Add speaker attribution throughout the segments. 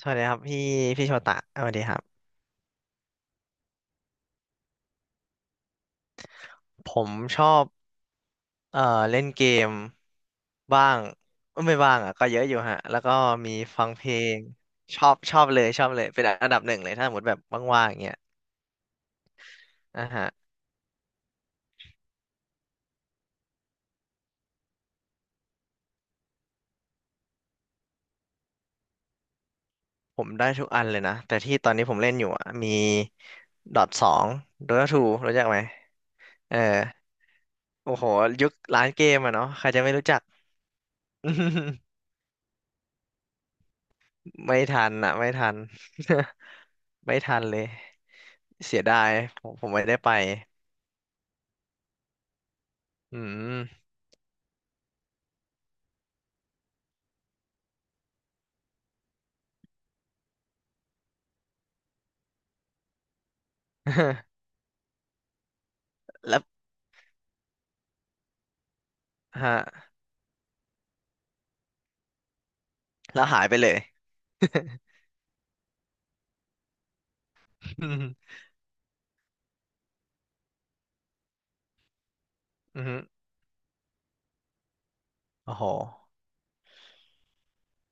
Speaker 1: สวัสดีครับพี่โชตะสวัสดีครับผมชอบ เอ่อเล่นเกมบ้างเอ้ยไม่บ้างอ่ะก็เยอะอยู่ฮะแล้วก็มีฟังเพลงชอบชอบเลยชอบเลยเป็นอันดับหนึ่งเลยถ้าสมมติแบบว่างๆอย่างเงี้ยอ่ะฮะผมได้ทุกอันเลยนะแต่ที่ตอนนี้ผมเล่นอยู่อ่ะมีดอทสองโดตาทูรู้จักไหมเออโอ้โหยุคร้านเกมอ่ะเนาะใครจะไม่รู้จัก ไม่ทันอ่ะไม่ทัน ไม่ทันเลยเสียดายผมไม่ได้ไปอืม แล้วฮะแล้วหายไปเลย อืมอหืมโอ้โห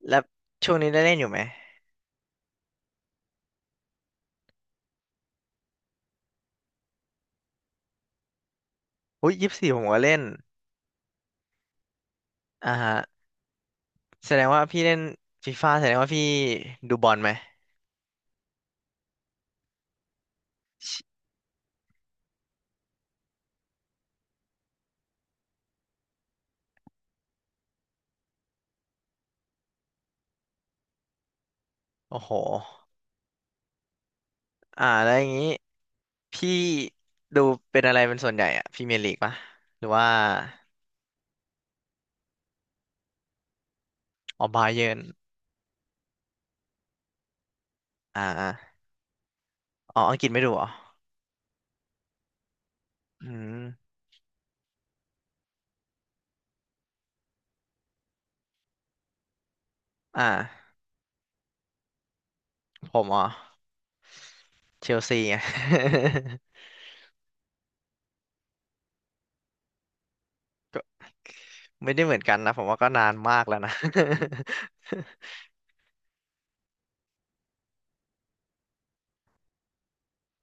Speaker 1: แล้วช่วงนี้ได้เล่นอยู่ไหมอุ้ยยี่สิบสี่ผมก็เล่นอ่าฮะแสดงว่าพี่เล่นฟีฟ่าแสดงว่าพี่ดูบอลไหมโอ้โหอ่าแล้วอย่างนี้พี่ดูเป็นอะไรเป็นส่วนใหญ่อะพรีเมียร์ลีกปะหรือว่าออบาเยิร์นอ่าอ๋ออังกฤษไม่ดูเหรออืม อ่าผมอ๋อเชลซีไง ก็ไม่ได้เหมือนกันนะผมว่าก็นานมากแล้วนะ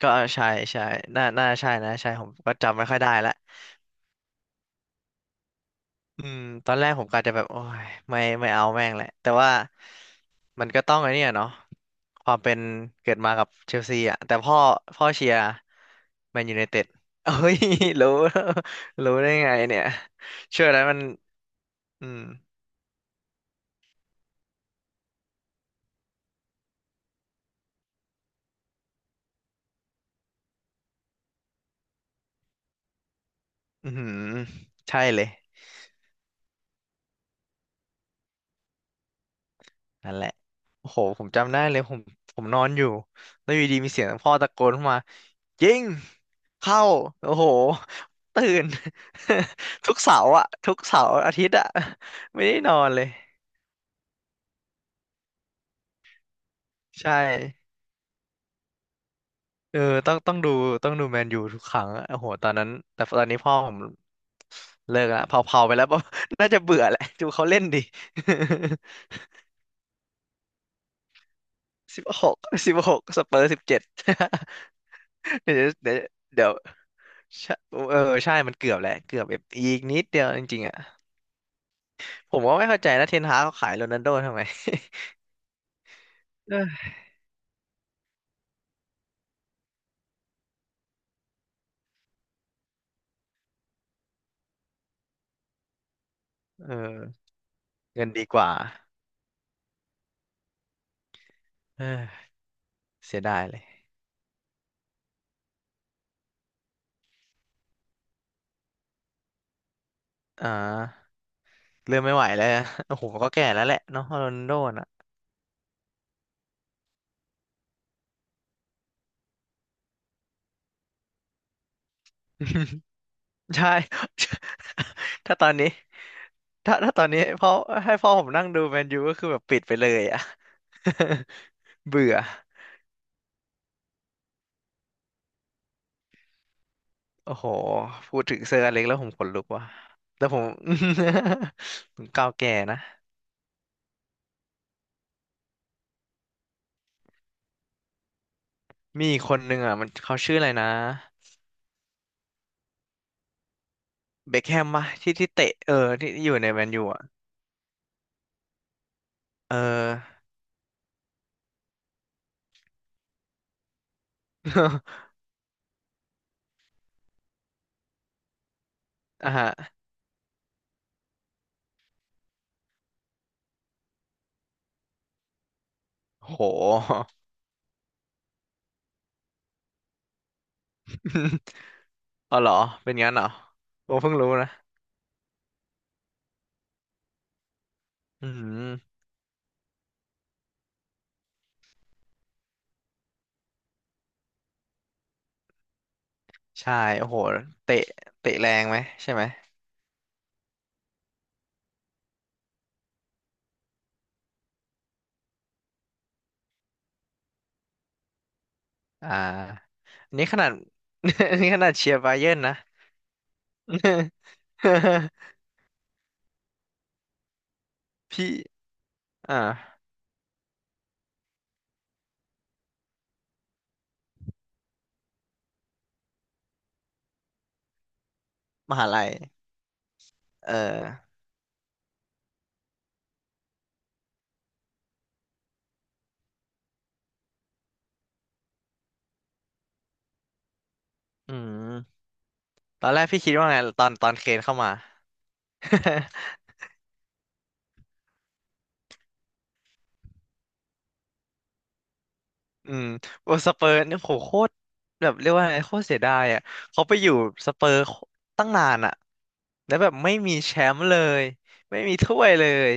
Speaker 1: ก็ใช่ใช่น่าน่าใช่นะใช่ผมก็จำไม่ค่อยได้ละอืมตอนแรกผมกะจะแบบโอ้ยไม่เอาแม่งแหละแต่ว่ามันก็ต้องไอ้เนี่ยเนาะความเป็นเกิดมากับเชลซีอ่ะแต่พ่อเชียร์แมนยูไน เต็ดเฮ้ย รู้รู้ได้ไงเนี่ยเชื่อแล้วมันอืมอือหือใช่เลย นั่นแหละ โอ้โห ผมจำได้เลยผมผมนอนอยู่แล้วอยู่ดีมีเสียงพ่อตะโกนเข้ามายิงเข้าโอ้โหตื่น ทุกเสาร์อะทุกเสาร์อาทิตย์อะไม่ได้นอนเลยใช่เออต้องดูต้องดูแมนยูทุกครั้งอะโอ้โหตอนนั้นแต่ตอนนี้พ่อผมเลิกละเผาๆไปแล้ว น่าจะเบื่อแหละ ดูเขาเล่นดิ สิบหกสิบหกสเปอร์สิบเจ็ด เดี๋ยวเดี๋ยว ใช่เออใช่มันเกือบแหละเกือบแบบอีกนิดเดียวจริงๆอ่ะผมก็ไม่เข้าใจนะเทนฮากเขาขายโรนัลโดทำไม เออเออเงินดีกว่าเออเสียดายเลยอ่าเริ่มไม่ไหวแล้ว อะโอ้โหก็แก่แล้วแหละเนาะโรนัลโดน่ะ ใช่ ถ้าตอนนี้ถ้าถ้าตอนนี้พ่อให้พ่อผมนั่งดูแมนยูก็คือแบบปิดไปเลยอ่ะ เบื่อโอ้โหพูดถึงเซอร์อเล็กแล้วผมขนลุกว่ะแล้วผม ผมก้าวแก่นะ มีอีกคนนึงอ่ะมันเขาชื่ออะไรนะเบคแฮมปะที่ที่เตะเออที่ที่อยู่ในแมนยูอ่ะเออ อ่ะฮะโห เอาเหรอเป็นงั้นเหรอผมเพิ่งรู้นะอืมใช่โอ้โหเตะเตะแรงไหมใช่ไหมอ่าอันนี้ขนาด อันนี้ขนาดเชียร์บาเยิร์นนะ พี่อ่ามหาลัยเอออืมตอนแรกพี่คิดว่าไงตอนตอนเคนเข้ามา อืมโอสเปอร์เนี่ยโหโคตรแบบเรียกว่าไงโคตรเสียดายอ่ะเขาไปอยู่สเปอร์ตั้งนานอ่ะแล้วแบบไม่มีแชมป์เลยไม่มีถ้วยเลย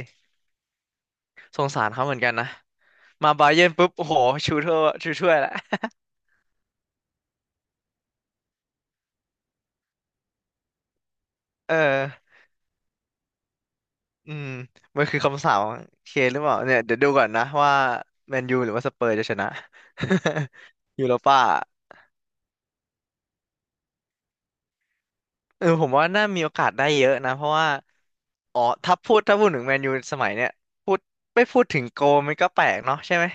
Speaker 1: สงสารเขาเหมือนกันนะมาบาเยิร์นปุ๊บโอ้โหชูถ้วยชูถ้วยละเอออืมมันคือคำสาปของเคนหรือเปล่าเนี่ยเดี๋ยวดูก่อนนะว่าแมนยูหรือว่าสเปอร์จะชนะ ยูโรป้า เออผมว่าน่ามีโอกาสได้เยอะนะเพราะว่าอ๋อถ้าพูดถึงแมนยูสมัยเนี้ยพูดไม่พูดถึงโกมันก็แปลกเนาะใช่ไหม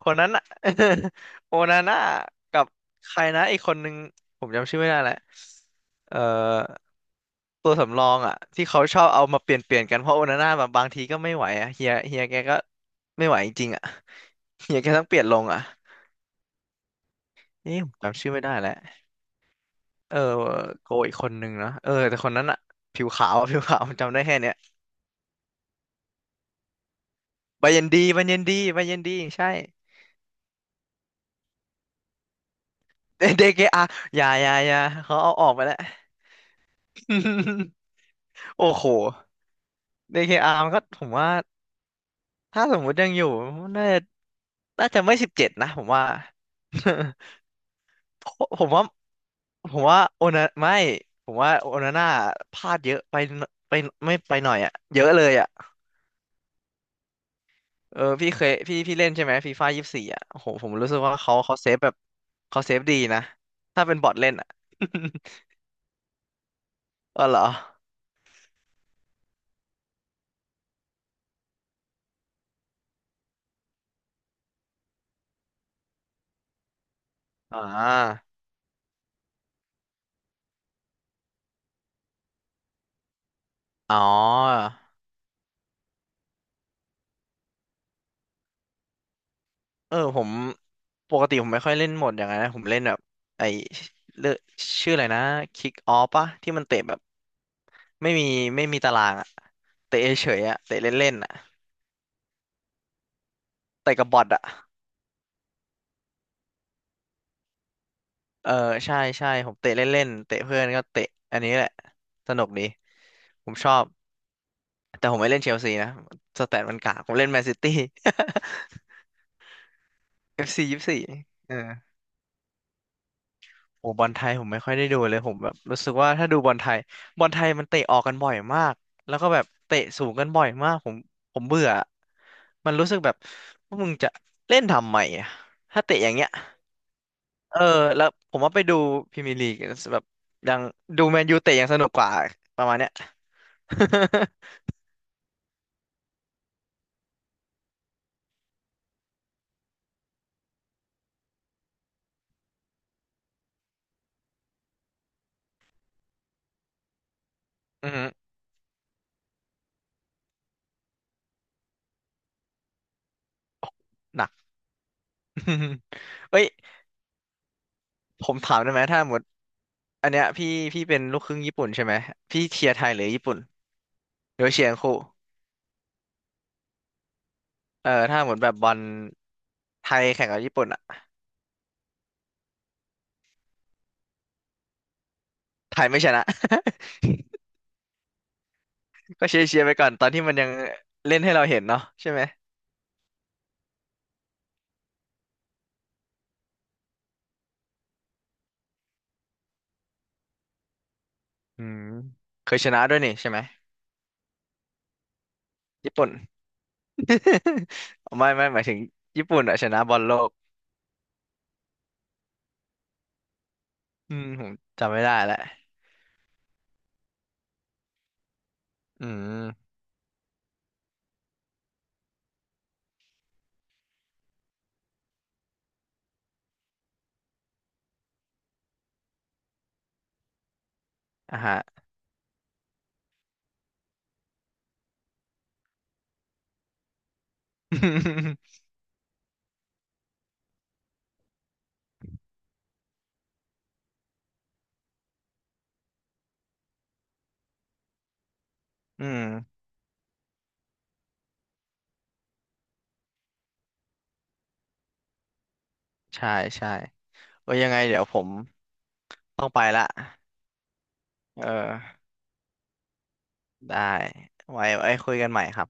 Speaker 1: คนนั้นอะ โอนาน่ากับใครนะอีกคนนึงผมจำชื่อไม่ได้แหละเอ่อตัวสำรองอะที่เขาชอบเอามาเปลี่ยนเปลี่ยนกันเพราะโอนาน่าแบบบางทีก็ไม่ไหวอะเฮียแกก็ไม่ไหวจริงๆอะเฮียแกต้องเปลี่ยนลงอะนี่ผมจำชื่อไม่ได้แล้ว เออโกอีกคนนึงนะเออแต่คนนั้นอะผิวขาว ผิวขาวจำได้แค่เนี้ยบาเย็นดีบาเย็นดีบาเย็นดีใช่ เดเคอาอย่าอย่าอย่าเขาเอาออกไปแล้ว โอ้โหเดเคอาร์มันก็ผมว่าถ้าสมมุติยังอยู่ น่าจะน่าจะไม่สิบเจ็ดนะผมว่า ผมว่า ผมว่าโอนาไม่ผมว่าโอนาน่าพลาดเยอะไปหนไปไม่ไปหน่อยอะเยอะเลยอะ เออพี่เคยพี่เล่นใช่ไหมฟีฟ่ายี่สิบสี่อ่ะโอ้โหผมรู้สึกว่าเขาเซฟแบบเขาเซฟดีนะถ้าเป็นบอทเล่นอ่ะ เออเหรออ่าอ๋อเออผมปกติผมไม่ค่อยเล่นโหมดอย่างนั้นนะผมเล่นแบบไอเลือกชื่ออะไรนะคิกออฟปะที่มันเตะแบบไม่มีไม่มีตารางอ่ะเตะเฉยๆอ่ะเตะเล่นๆอ่ะเตะกับบอทอ่ะเออใช่ใช่ผมเตะเล่นๆเตะเพื่อนก็เตะอันนี้แหละสนุกดีผมชอบ แต่ผมไม่เล่นเชลซีนะสแตทมันกากผมเล่นแมนซิตี้ เอฟซี24เออโอ้บอลไทยผมไม่ค่อยได้ดูเลยผมแบบรู้สึกว่าถ้าดูบอลไทยบอลไทยมันเตะออกกันบ่อยมากแล้วก็แบบเตะสูงกันบ่อยมากผมเบื่อมันรู้สึกแบบว่ามึงจะเล่นทำไมอะถ้าเตะอย่างเงี้ยเออแล้วผมว่าไปดูพรีเมียร์ลีกแบบยังดูแมนยูเตะยังสนุกกว่าประมาณเนี้ย อือหือหนัก เอ้ยผมถามได้ไหมถ้าหมด อันเนี้ยพี่เป็นลูกครึ่งญี่ปุ่นใช่ไหมพี่เชียร์ไทยหรือญี่ปุ่นหรือว่าเชียร์ทั้งคู่เออถ้าหมดแบบบอลไทยแข่งกับญี่ปุ่นอ่ะไทยไม่ชนะ ก็เชียร์เชียร์ไปก่อนตอนที่มันยังเล่นให้เราเห็นเนาะใช่ไหมอืมเคยชนะด้วยนี่ใช่ไหมญี่ปุ่น ไม่หมายถึงญี่ปุ่นอะชนะบอลโลกอืมผมจำไม่ได้แล้วอืมอ่ะฮะ อืมใช่ใช่โอ้ยยังไงเดี๋ยวผมต้องไปละเออ ได้ไว้ไว้คุยกันใหม่ครับ